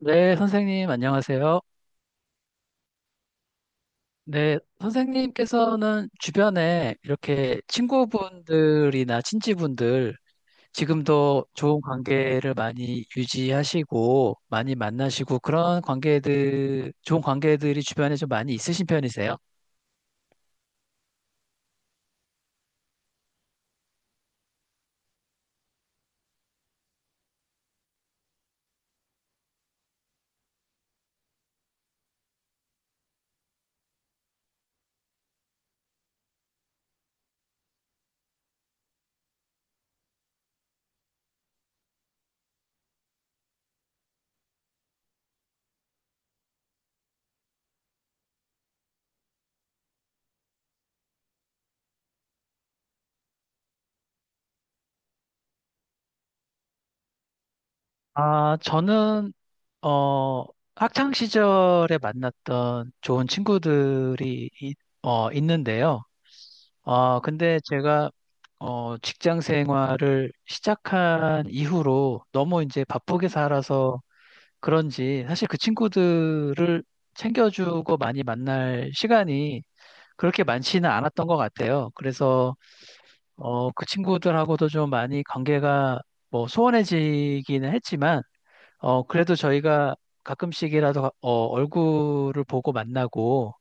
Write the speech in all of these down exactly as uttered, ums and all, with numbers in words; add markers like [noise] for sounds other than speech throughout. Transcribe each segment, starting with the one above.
네, 선생님, 안녕하세요. 네, 선생님께서는 주변에 이렇게 친구분들이나 친지분들, 지금도 좋은 관계를 많이 유지하시고, 많이 만나시고, 그런 관계들, 좋은 관계들이 주변에 좀 많이 있으신 편이세요? 아, 저는, 어, 학창 시절에 만났던 좋은 친구들이, 이- 어, 있는데요. 아, 근데 제가 어, 직장 생활을 시작한 이후로 너무 이제 바쁘게 살아서 그런지 사실 그 친구들을 챙겨주고 많이 만날 시간이 그렇게 많지는 않았던 것 같아요. 그래서 어, 그 친구들하고도 좀 많이 관계가 뭐 소원해지기는 했지만 어, 그래도 저희가 가끔씩이라도 가- 어, 얼굴을 보고 만나고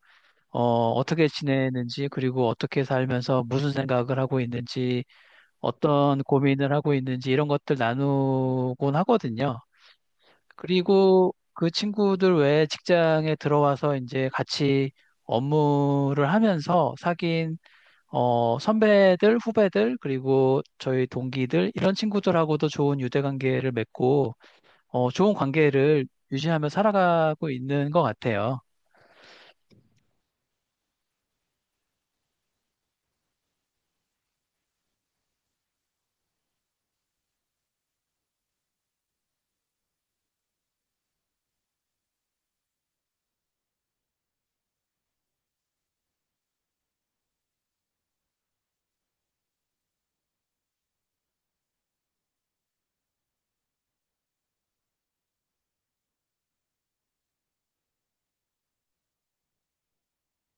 어, 어떻게 지내는지 그리고 어떻게 살면서 무슨 생각을 하고 있는지 어떤 고민을 하고 있는지 이런 것들 나누곤 하거든요. 그리고 그 친구들 외에 직장에 들어와서 이제 같이 업무를 하면서 사귄 어, 선배들, 후배들, 그리고 저희 동기들 이런 친구들하고도 좋은 유대 관계를 맺고 어, 좋은 관계를 유지하며 살아가고 있는 것 같아요.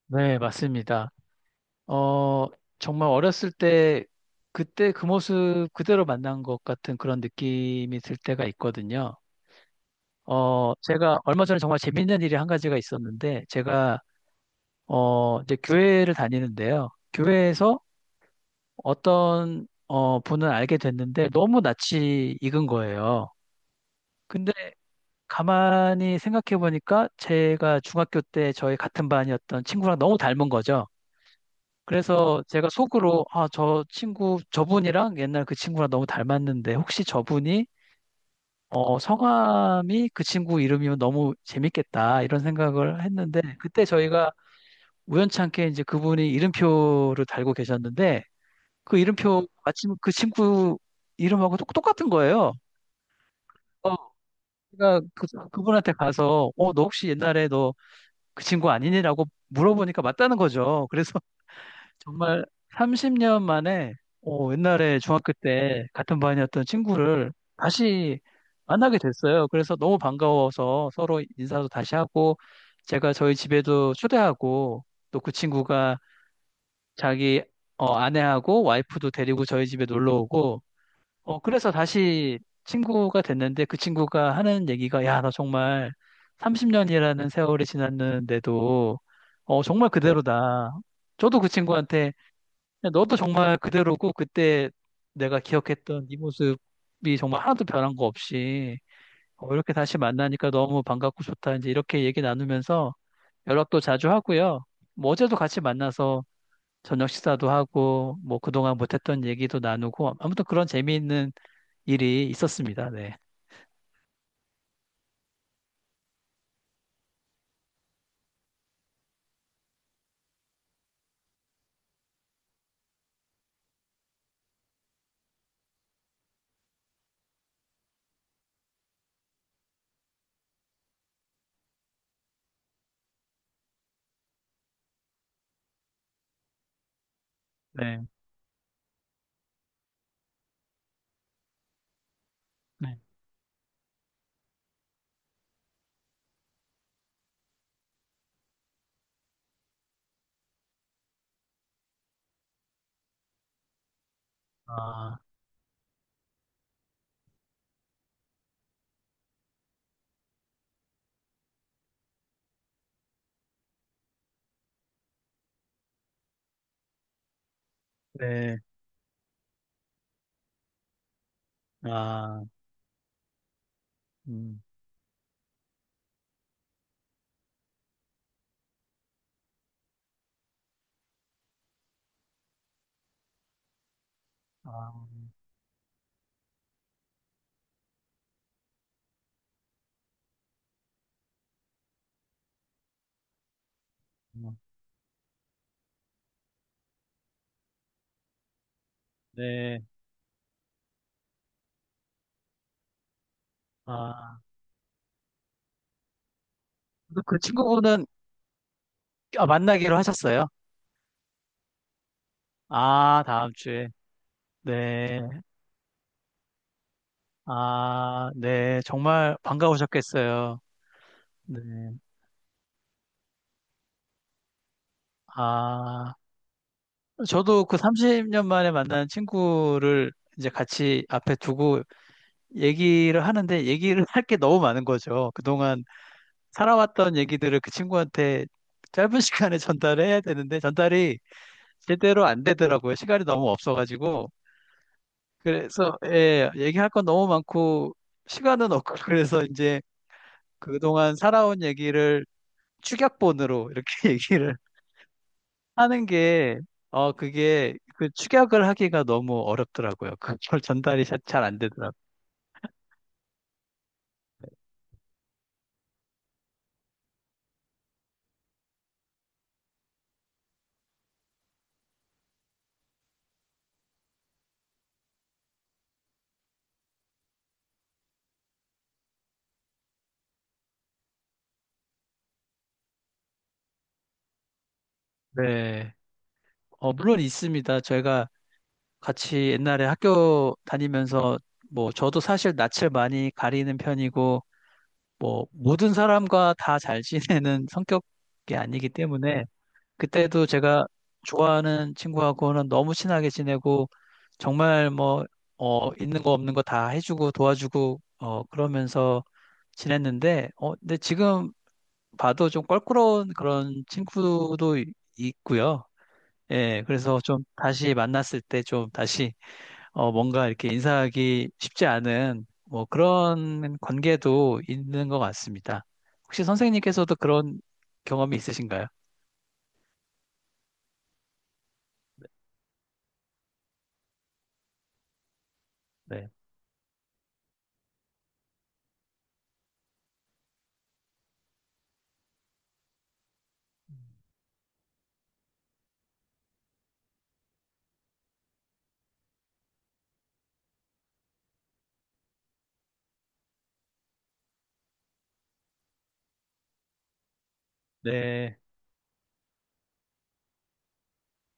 네, 맞습니다. 어, 정말 어렸을 때 그때 그 모습 그대로 만난 것 같은 그런 느낌이 들 때가 있거든요. 어, 제가 얼마 전에 정말 재밌는 일이 한 가지가 있었는데 제가 어, 이제 교회를 다니는데요. 교회에서 어떤 어, 분을 알게 됐는데 너무 낯이 익은 거예요. 근데 가만히 생각해 보니까 제가 중학교 때 저희 같은 반이었던 친구랑 너무 닮은 거죠. 그래서 제가 속으로 아, 저 친구, 저분이랑 옛날 그 친구랑 너무 닮았는데 혹시 저분이 어, 성함이 그 친구 이름이면 너무 재밌겠다 이런 생각을 했는데 그때 저희가 우연찮게 이제 그분이 이름표를 달고 계셨는데 그 이름표 마침 그 친구 이름하고 똑- 똑같은 거예요. 어, 제가 그, 그분한테 가서 어, 너 혹시 옛날에 너 그 친구 아니니라고 물어보니까 맞다는 거죠. 그래서 정말 삼십 년 만에 어, 옛날에 중학교 때 같은 반이었던 친구를 다시 만나게 됐어요. 그래서 너무 반가워서 서로 인사도 다시 하고 제가 저희 집에도 초대하고 또 그 친구가 자기 어, 아내하고 와이프도 데리고 저희 집에 놀러 오고 어, 그래서 다시 친구가 됐는데 그 친구가 하는 얘기가 야, 나 정말 삼십 년이라는 세월이 지났는데도 어, 정말 그대로다. 저도 그 친구한테 근데 너도 정말 그대로고 그때 내가 기억했던 네 모습이 정말 하나도 변한 거 없이 어, 이렇게 다시 만나니까 너무 반갑고 좋다. 이제 이렇게 얘기 나누면서 연락도 자주 하고요. 뭐 어제도 같이 만나서 저녁 식사도 하고 뭐 그동안 못했던 얘기도 나누고 아무튼 그런 재미있는 일이 있었습니다. 네. 네. 네. 아, 네. 아, 음. 아, 음. 네. 아, 그 친구분은 아, 만나기로 하셨어요? 아, 다음 주에. 네. 아, 네. 정말 반가우셨겠어요. 네. 아, 저도 그 삼십 년 만에 만난 친구를 이제 같이 앞에 두고 얘기를 하는데 얘기를 할 게 너무 많은 거죠. 그동안 살아왔던 얘기들을 그 친구한테 짧은 [laughs] 시간에 전달해야 되는데 전달이 제대로 안 되더라고요. 시간이 너무 없어가지고. 그래서, 예, 얘기할 건 너무 많고 시간은 없고 [laughs] 그래서 이제 그동안 살아온 얘기를 축약본으로 이렇게 [laughs] 얘기를 하는 게, 어, 그게 그 축약을 하기가 너무 어렵더라고요. [laughs] 그걸 전달이 잘 안 되더라고요. 네. 어, 물론 있습니다. 저희가 같이 옛날에 학교 다니면서 뭐 저도 사실 낯을 많이 가리는 편이고 뭐 모든 사람과 다 잘 지내는 성격이 아니기 때문에 그때도 제가 좋아하는 친구하고는 너무 친하게 지내고 정말 뭐 어, 있는 거 없는 거 다 해주고 도와주고 어, 그러면서 지냈는데 어, 근데 지금 봐도 좀 껄끄러운 그런 친구도 이- 있고요. 예, 그래서 좀 다시 만났을 때 좀 다시 어, 뭔가 이렇게 인사하기 쉽지 않은 뭐 그런 관계도 있는 것 같습니다. 혹시 선생님께서도 그런 경험이 있으신가요? 네. 네.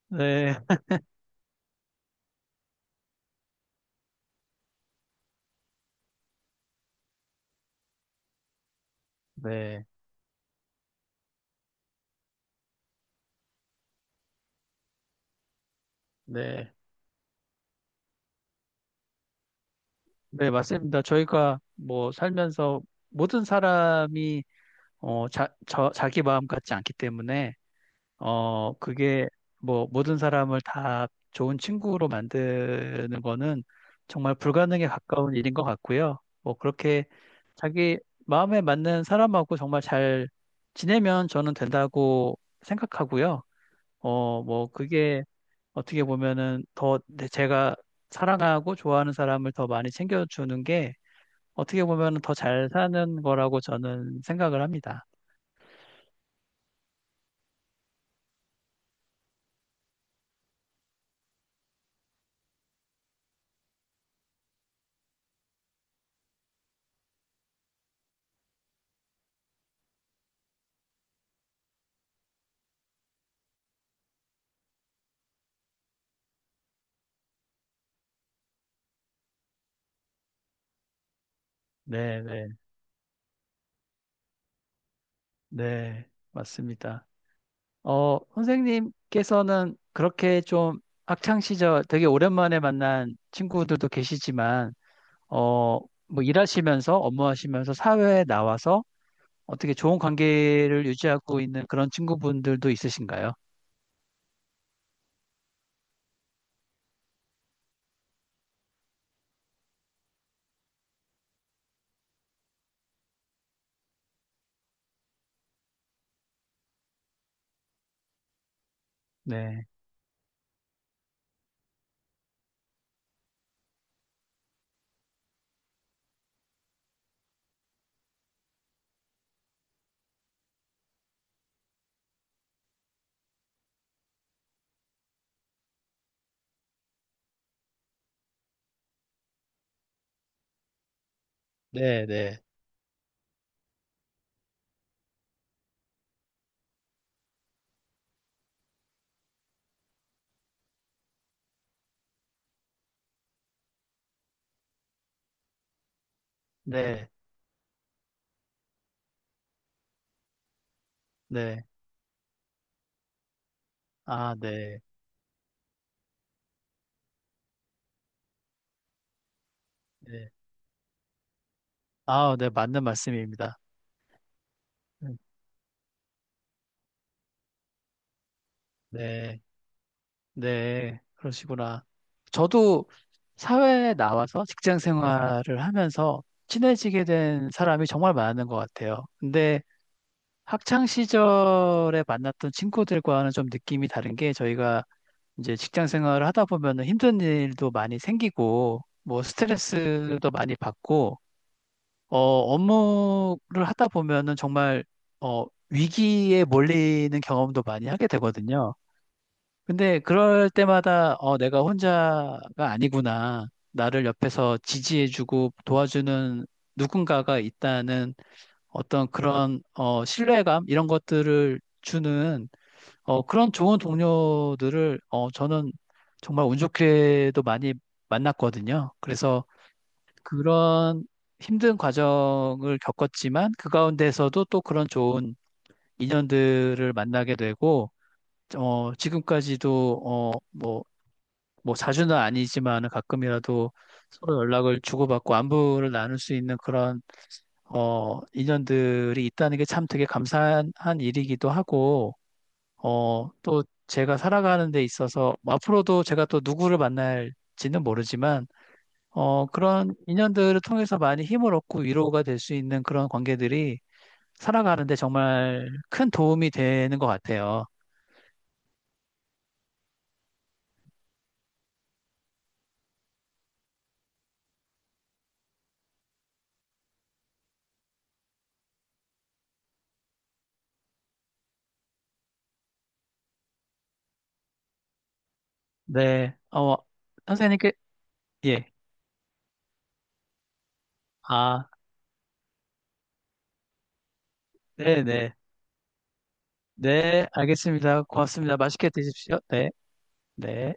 네. 네, 네, 네, 맞습니다. 저희가 뭐 살면서 모든 사람이 어, 자, 저, 자기 마음 같지 않기 때문에 어, 그게 뭐 모든 사람을 다 좋은 친구로 만드는 거는 정말 불가능에 가까운 일인 것 같고요. 뭐 그렇게 자기 마음에 맞는 사람하고 정말 잘 지내면 저는 된다고 생각하고요. 어, 뭐 그게 어떻게 보면은 더 내- 제가 사랑하고 좋아하는 사람을 더 많이 챙겨주는 게 어떻게 보면은 더 잘 사는 거라고 저는 생각을 합니다. 네, 네, 네, 맞습니다. 어, 선생님께서는 그렇게 좀 학창 시절 되게 오랜만에 만난 친구들도 계시지만, 어, 뭐 일하시면서 업무하시면서 사회에 나와서 어떻게 좋은 관계를 유지하고 있는 그런 친구분들도 있으신가요? 네, 네, 네, 네, 네. 아, 네. 네. 아, 네, 맞는 말씀입니다. 음, 네, 네, 그러시구나. 저도 사회에 나와서 직장 생활을 하면서 친해지게 된 사람이 정말 많은 것 같아요. 근데 학창 시절에 만났던 친구들과는 좀 느낌이 다른 게 저희가 이제 직장 생활을 하다 보면 힘든 일도 많이 생기고 뭐 스트레스도 많이 받고 어, 업무를 하다 보면은 정말 어, 위기에 몰리는 경험도 많이 하게 되거든요. 근데 그럴 때마다 어, 내가 혼자가 아니구나. 나를 옆에서 지지해주고 도와주는 누군가가 있다는 어떤 그런 어, 신뢰감 이런 것들을 주는 어, 그런 좋은 동료들을 어, 저는 정말 운 좋게도 많이 만났거든요. 그래서 그런 힘든 과정을 겪었지만 그 가운데서도 또 그런 좋은 인연들을 만나게 되고 어, 지금까지도 어, 뭐, 뭐 자주는 아니지만 가끔이라도 서로 연락을 주고받고 안부를 나눌 수 있는 그런 어, 인연들이 있다는 게 참 되게 감사한 일이기도 하고 어, 또 제가 살아가는 데 있어서 뭐 앞으로도 제가 또 누구를 만날지는 모르지만 어, 그런 인연들을 통해서 많이 힘을 얻고 위로가 될 수 있는 그런 관계들이 살아가는데 정말 큰 도움이 되는 것 같아요. 네, 어, 선생님께, 예. 아, 네네. 네, 네, 알겠습니다. 고맙습니다. 맛있게 드십시오. 네, 네.